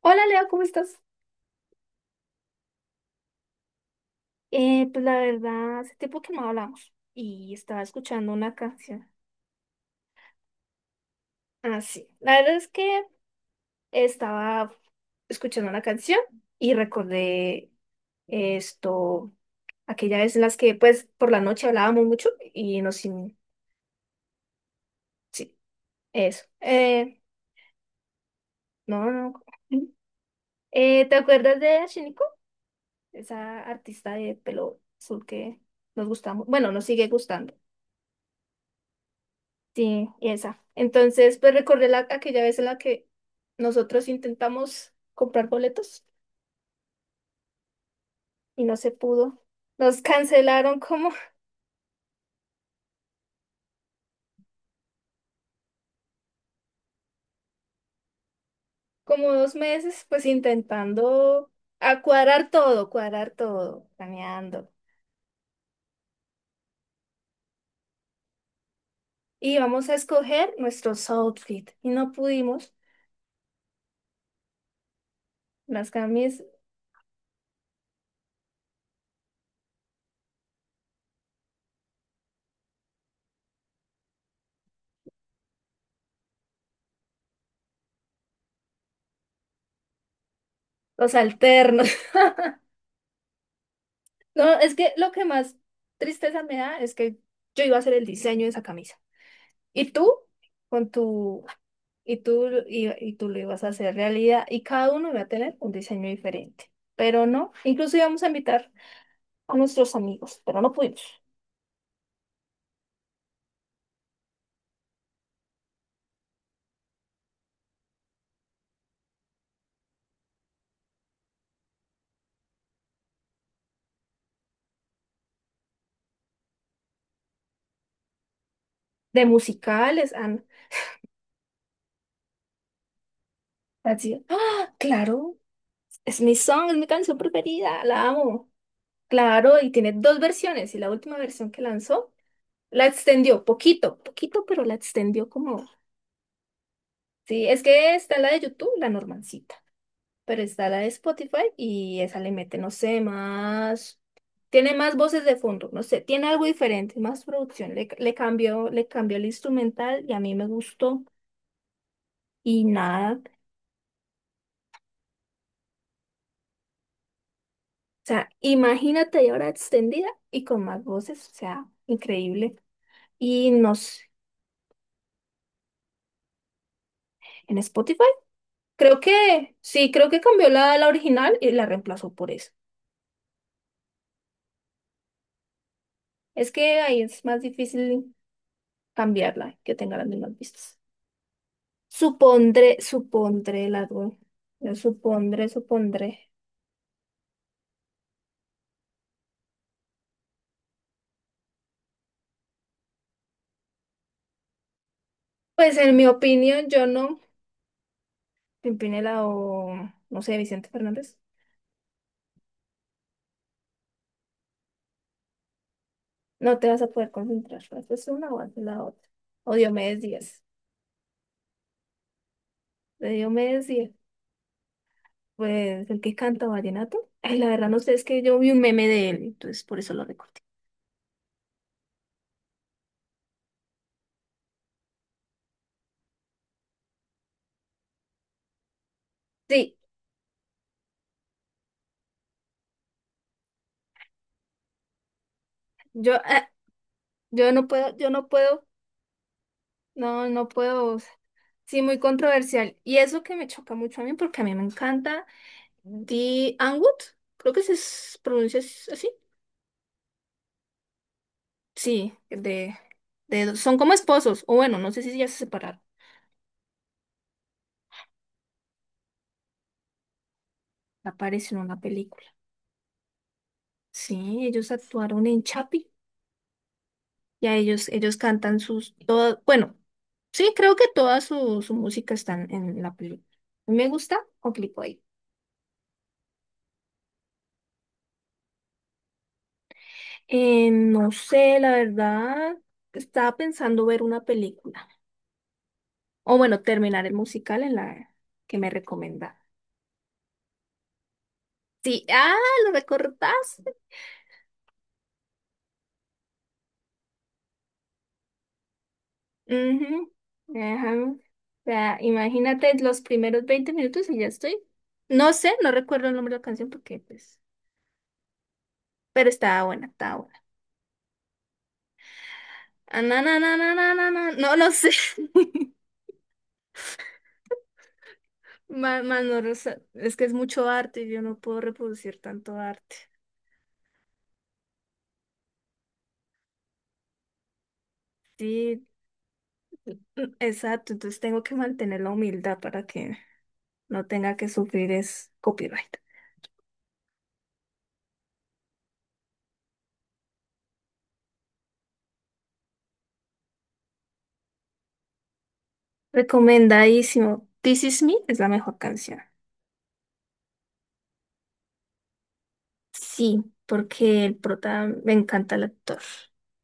Hola Leo, ¿cómo estás? Pues la verdad, hace tiempo que no hablamos y estaba escuchando una canción. Ah, sí. La verdad es que estaba escuchando una canción y recordé esto, aquella vez en las que pues por la noche hablábamos mucho y nos... Sí, eso. No, no. ¿te acuerdas de Shiniko? Esa artista de pelo azul que nos gustaba. Bueno, nos sigue gustando. Sí, esa. Entonces, pues recordé aquella vez en la que nosotros intentamos comprar boletos y no se pudo. Nos cancelaron como, como dos meses, pues intentando a cuadrar todo, planeando. Y íbamos a escoger nuestros outfits y no pudimos. Las camis, los alternos. No, es que lo que más tristeza me da es que yo iba a hacer el diseño de esa camisa. ¿Y tú? Con tu... Y tú lo ibas a hacer realidad y cada uno iba a tener un diseño diferente. Pero no, incluso íbamos a invitar a nuestros amigos, pero no pudimos. De musicales, han así, ah, claro, es mi song, es mi canción preferida, la amo. Claro, y tiene dos versiones y la última versión que lanzó la extendió poquito, poquito, pero la extendió como, sí, es que está la de YouTube, la Normancita. Pero está la de Spotify y esa le mete, no sé, más. Tiene más voces de fondo, no sé, tiene algo diferente, más producción. Le cambió el instrumental y a mí me gustó. Y nada, o sea, imagínate ahí ahora extendida y con más voces, o sea, increíble. Y no sé, en Spotify, creo que sí, creo que cambió la original y la reemplazó por esa. Es que ahí es más difícil cambiarla, que tenga las mismas vistas. Supondré, supondré la duda. Yo supondré, supondré. Pues en mi opinión, yo no. Pimpinela o, no sé, Vicente Fernández. No te vas a poder concentrar. Es una o haces la otra. O Diomedes Díaz. De Diomedes Díaz. Pues el que canta vallenato. Ay, la verdad no sé, es que yo vi un meme de él, entonces por eso lo recordé. Sí, yo, ah, yo no puedo, no, no puedo. O sea, sí, muy controversial. Y eso que me choca mucho a mí, porque a mí me encanta. The Anwood, creo que pronuncia así. Sí, de, son como esposos, o bueno, no sé si ya se separaron. Apareció en una película. Sí, ellos actuaron en Chapi y a ellos, ellos cantan sus, todas, bueno, sí, creo que toda su música está en la película. Me gusta o clico ahí. No sé, la verdad, estaba pensando ver una película. O bueno, terminar el musical en la que me recomendaron. Sí, ah, lo recordás. Ujú, ajá. O sea, imagínate los primeros 20 minutos y ya estoy. No sé, no recuerdo el nombre de la canción porque, pues, pero estaba buena, estaba buena. Ah, na, na, na, na, na, na, na. No, no sé. Más, más no, lo sé. Es que es mucho arte y yo no puedo reproducir tanto arte. Sí, exacto. Entonces tengo que mantener la humildad para que no tenga que sufrir es copyright. Recomendadísimo. This Is Me es la mejor canción. Sí, porque el prota me encanta el actor,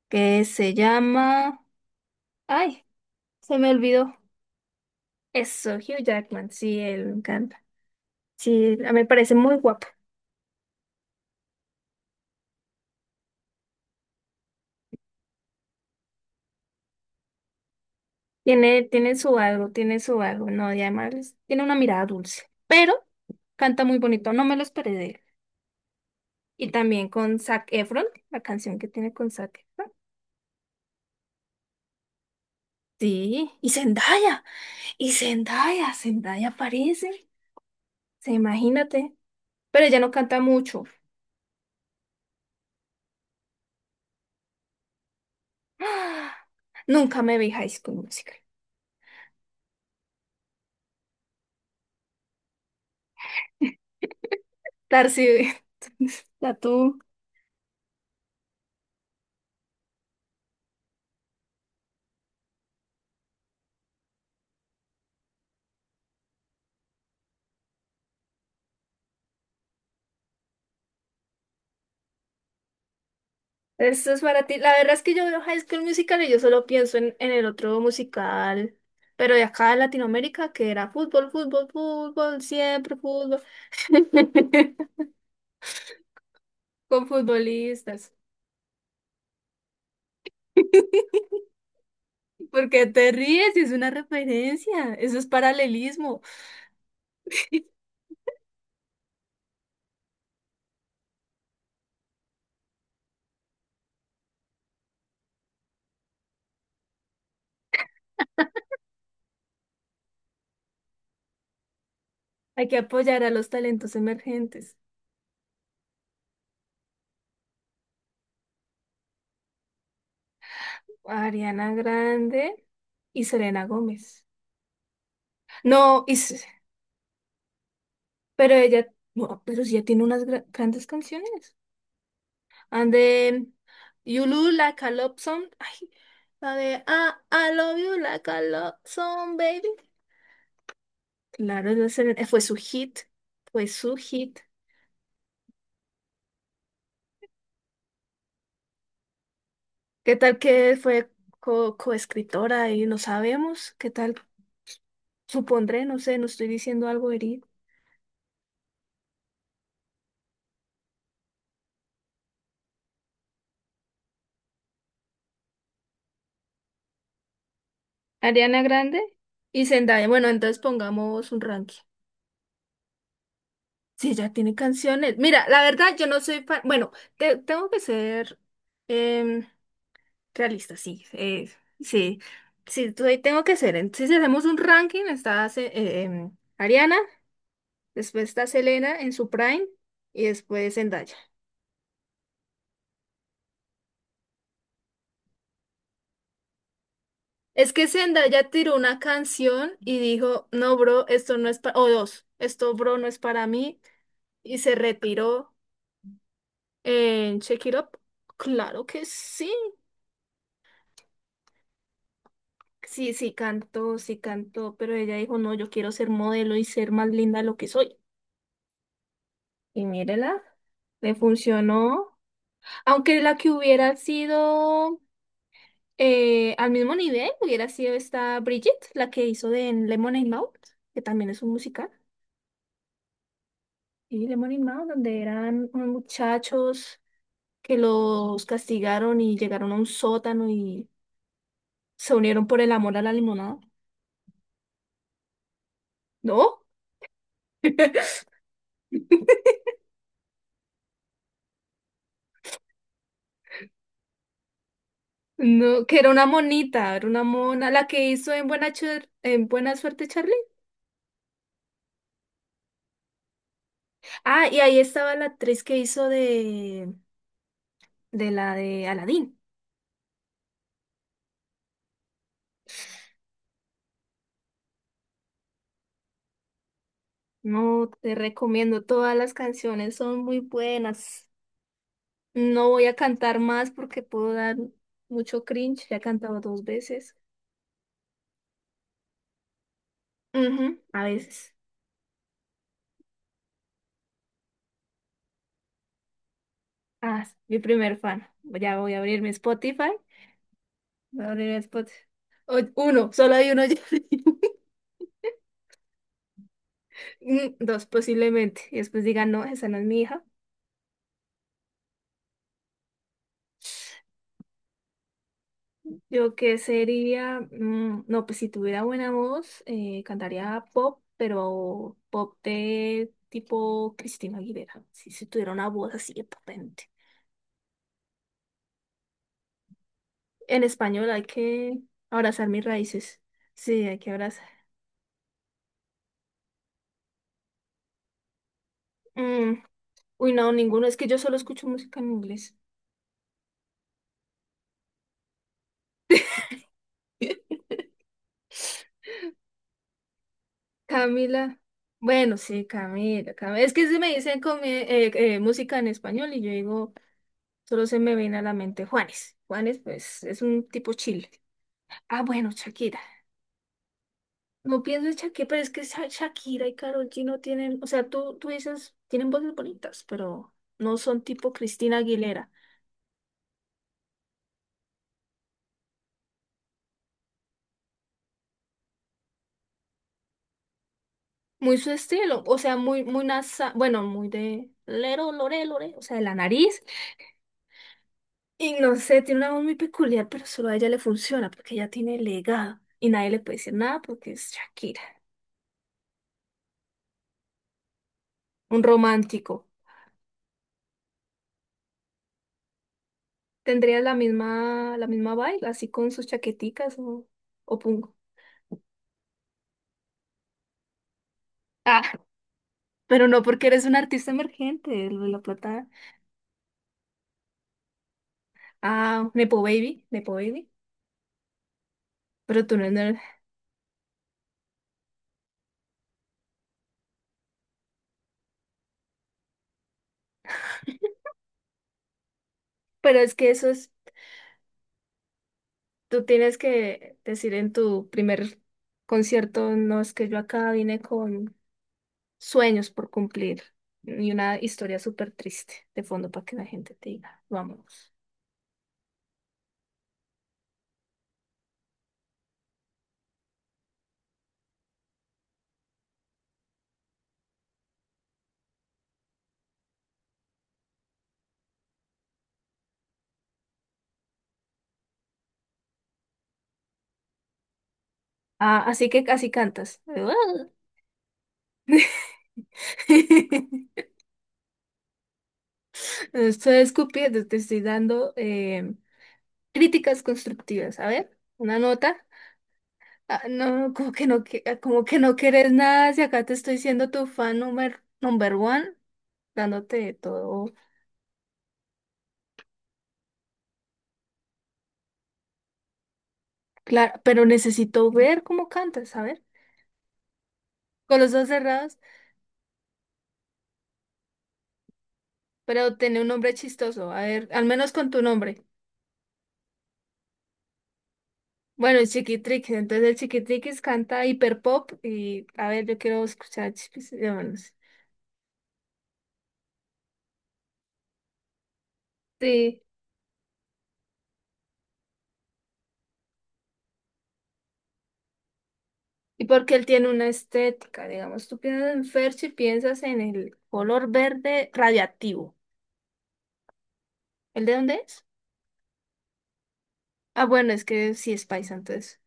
que se llama... Ay, se me olvidó. Eso, Hugh Jackman, sí, él me encanta. Sí, a mí me parece muy guapo. Tiene, tiene su algo, no, y además tiene una mirada dulce, pero canta muy bonito, no me lo esperé de él. Y también con Zac Efron, la canción que tiene con Zac Efron. Sí, y Zendaya, Zendaya aparece, se imagínate, pero ella no canta mucho. Nunca me vi High School Musical. Tarsi, La tú. Esto es para ti. La verdad es que yo veo High School Musical y yo solo pienso en el otro musical, pero de acá de Latinoamérica, que era fútbol, fútbol, fútbol, siempre fútbol. Con futbolistas. ¿Por qué te ríes? Es una referencia. Eso es paralelismo. Hay que apoyar a los talentos emergentes. Ariana Grande y Selena Gómez. No, y S- Pero ella, no, pero sí, ella tiene unas grandes canciones. And de Yulu Like a Love Song. Ay, la de ah, I Love You Like a Love Song, baby. Claro, fue su hit. Fue su hit. ¿Qué tal que fue coescritora y no sabemos? ¿Qué tal? Supondré, no sé, no estoy diciendo algo herido. Ariana Grande y Zendaya. Bueno, entonces pongamos un ranking. Sí, ya tiene canciones. Mira, la verdad, yo no soy fan. Bueno, tengo que ser em, realista, sí. Sí, sí, tengo que ser. Entonces, si hacemos un ranking, está Ariana, después está Selena en su prime y después Zendaya. Es que Zendaya tiró una canción y dijo, no, bro, esto no es para... O dos, esto, bro, no es para mí. Y se retiró en Shake It Up. Claro que sí. Sí, sí cantó, pero ella dijo, no, yo quiero ser modelo y ser más linda de lo que soy. Y mírela, le funcionó. Aunque la que hubiera sido al mismo nivel, hubiera sido esta Bridget, la que hizo de en Lemonade Mouth, que también es un musical. Y Lemonade Mouth, donde eran unos muchachos que los castigaron y llegaron a un sótano y se unieron por el amor a la limonada. ¿No? No, que era una monita, era una mona, la que hizo en Buena, en Buena Suerte, Charlie. Ah, y ahí estaba la actriz que hizo de la de Aladdin. No, te recomiendo, todas las canciones son muy buenas. No voy a cantar más porque puedo dar mucho cringe, ya he cantado dos veces. Ujú, a veces. Ah, sí, mi primer fan. Ya voy a abrir mi Spotify. Voy a abrir mi Spotify. O- Uno, solo hay uno. Dos posiblemente. Y después digan, no, esa no es mi hija. Yo qué sería, mm, no, pues si tuviera buena voz, cantaría pop, pero pop de tipo Cristina Aguilera. Si tuviera una voz así de potente. En español hay que abrazar mis raíces. Sí, hay que abrazar. Mm, uy, no, ninguno. Es que yo solo escucho música en inglés. Camila. Bueno, sí, Camila, Camila. Es que si me dicen música en español y yo digo... Solo se me viene a la mente Juanes. Juanes, pues, es un tipo chill. Ah, bueno, Shakira. No pienso en Shakira, pero es que Shakira y Karol G no tienen, o sea, tú dices, tienen voces bonitas, pero no son tipo Cristina Aguilera. Muy su estilo, o sea, muy, muy nasa, bueno, muy de lero, lore, lore, o sea, de la nariz. Y no sé, tiene una voz muy peculiar, pero solo a ella le funciona, porque ella tiene legado. Y nadie le puede decir nada porque es Shakira. Un romántico. ¿Tendrías la misma vibe, así con sus chaqueticas o pungo? Ah, pero no porque eres un artista emergente, lo de la plata. Ah, Nepo Baby, Nepo Baby. Pero tú no eres. Pero es que eso es, tú tienes que decir en tu primer concierto, no es que yo acá vine con sueños por cumplir y una historia súper triste de fondo para que la gente te diga, vámonos. Ah, así que así cantas. Estoy escupiendo, te estoy dando críticas constructivas. A ver, una nota. Ah, no, como que no, como que no quieres nada, si acá te estoy siendo tu fan number, number one, dándote todo claro, pero necesito ver cómo cantas, a ver, con los dos cerrados, pero tiene un nombre chistoso, a ver, al menos con tu nombre. Bueno, el Chiquitriquis, entonces el Chiquitriquis canta hiperpop y a ver, yo quiero escuchar Chiquitriquis, sí. Y porque él tiene una estética, digamos, tú piensas en Ferchi, piensas en el color verde radiactivo. ¿El de dónde es? Ah, bueno, es que sí es paisa, entonces,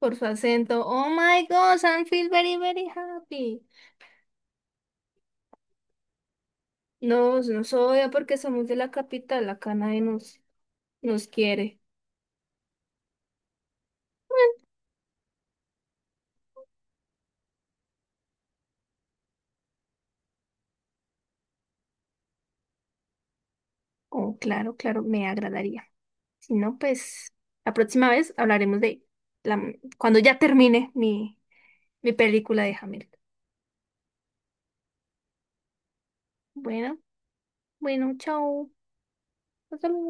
por su acento. Oh my God, I feel very, very happy. No, no soy ah, porque somos de la capital, acá nadie nos, nos quiere. Oh, claro, claro, me agradaría. Si no, pues la próxima vez hablaremos de la, cuando ya termine mi, mi película de Hamilton. Bueno, bueno, chao. Hasta luego.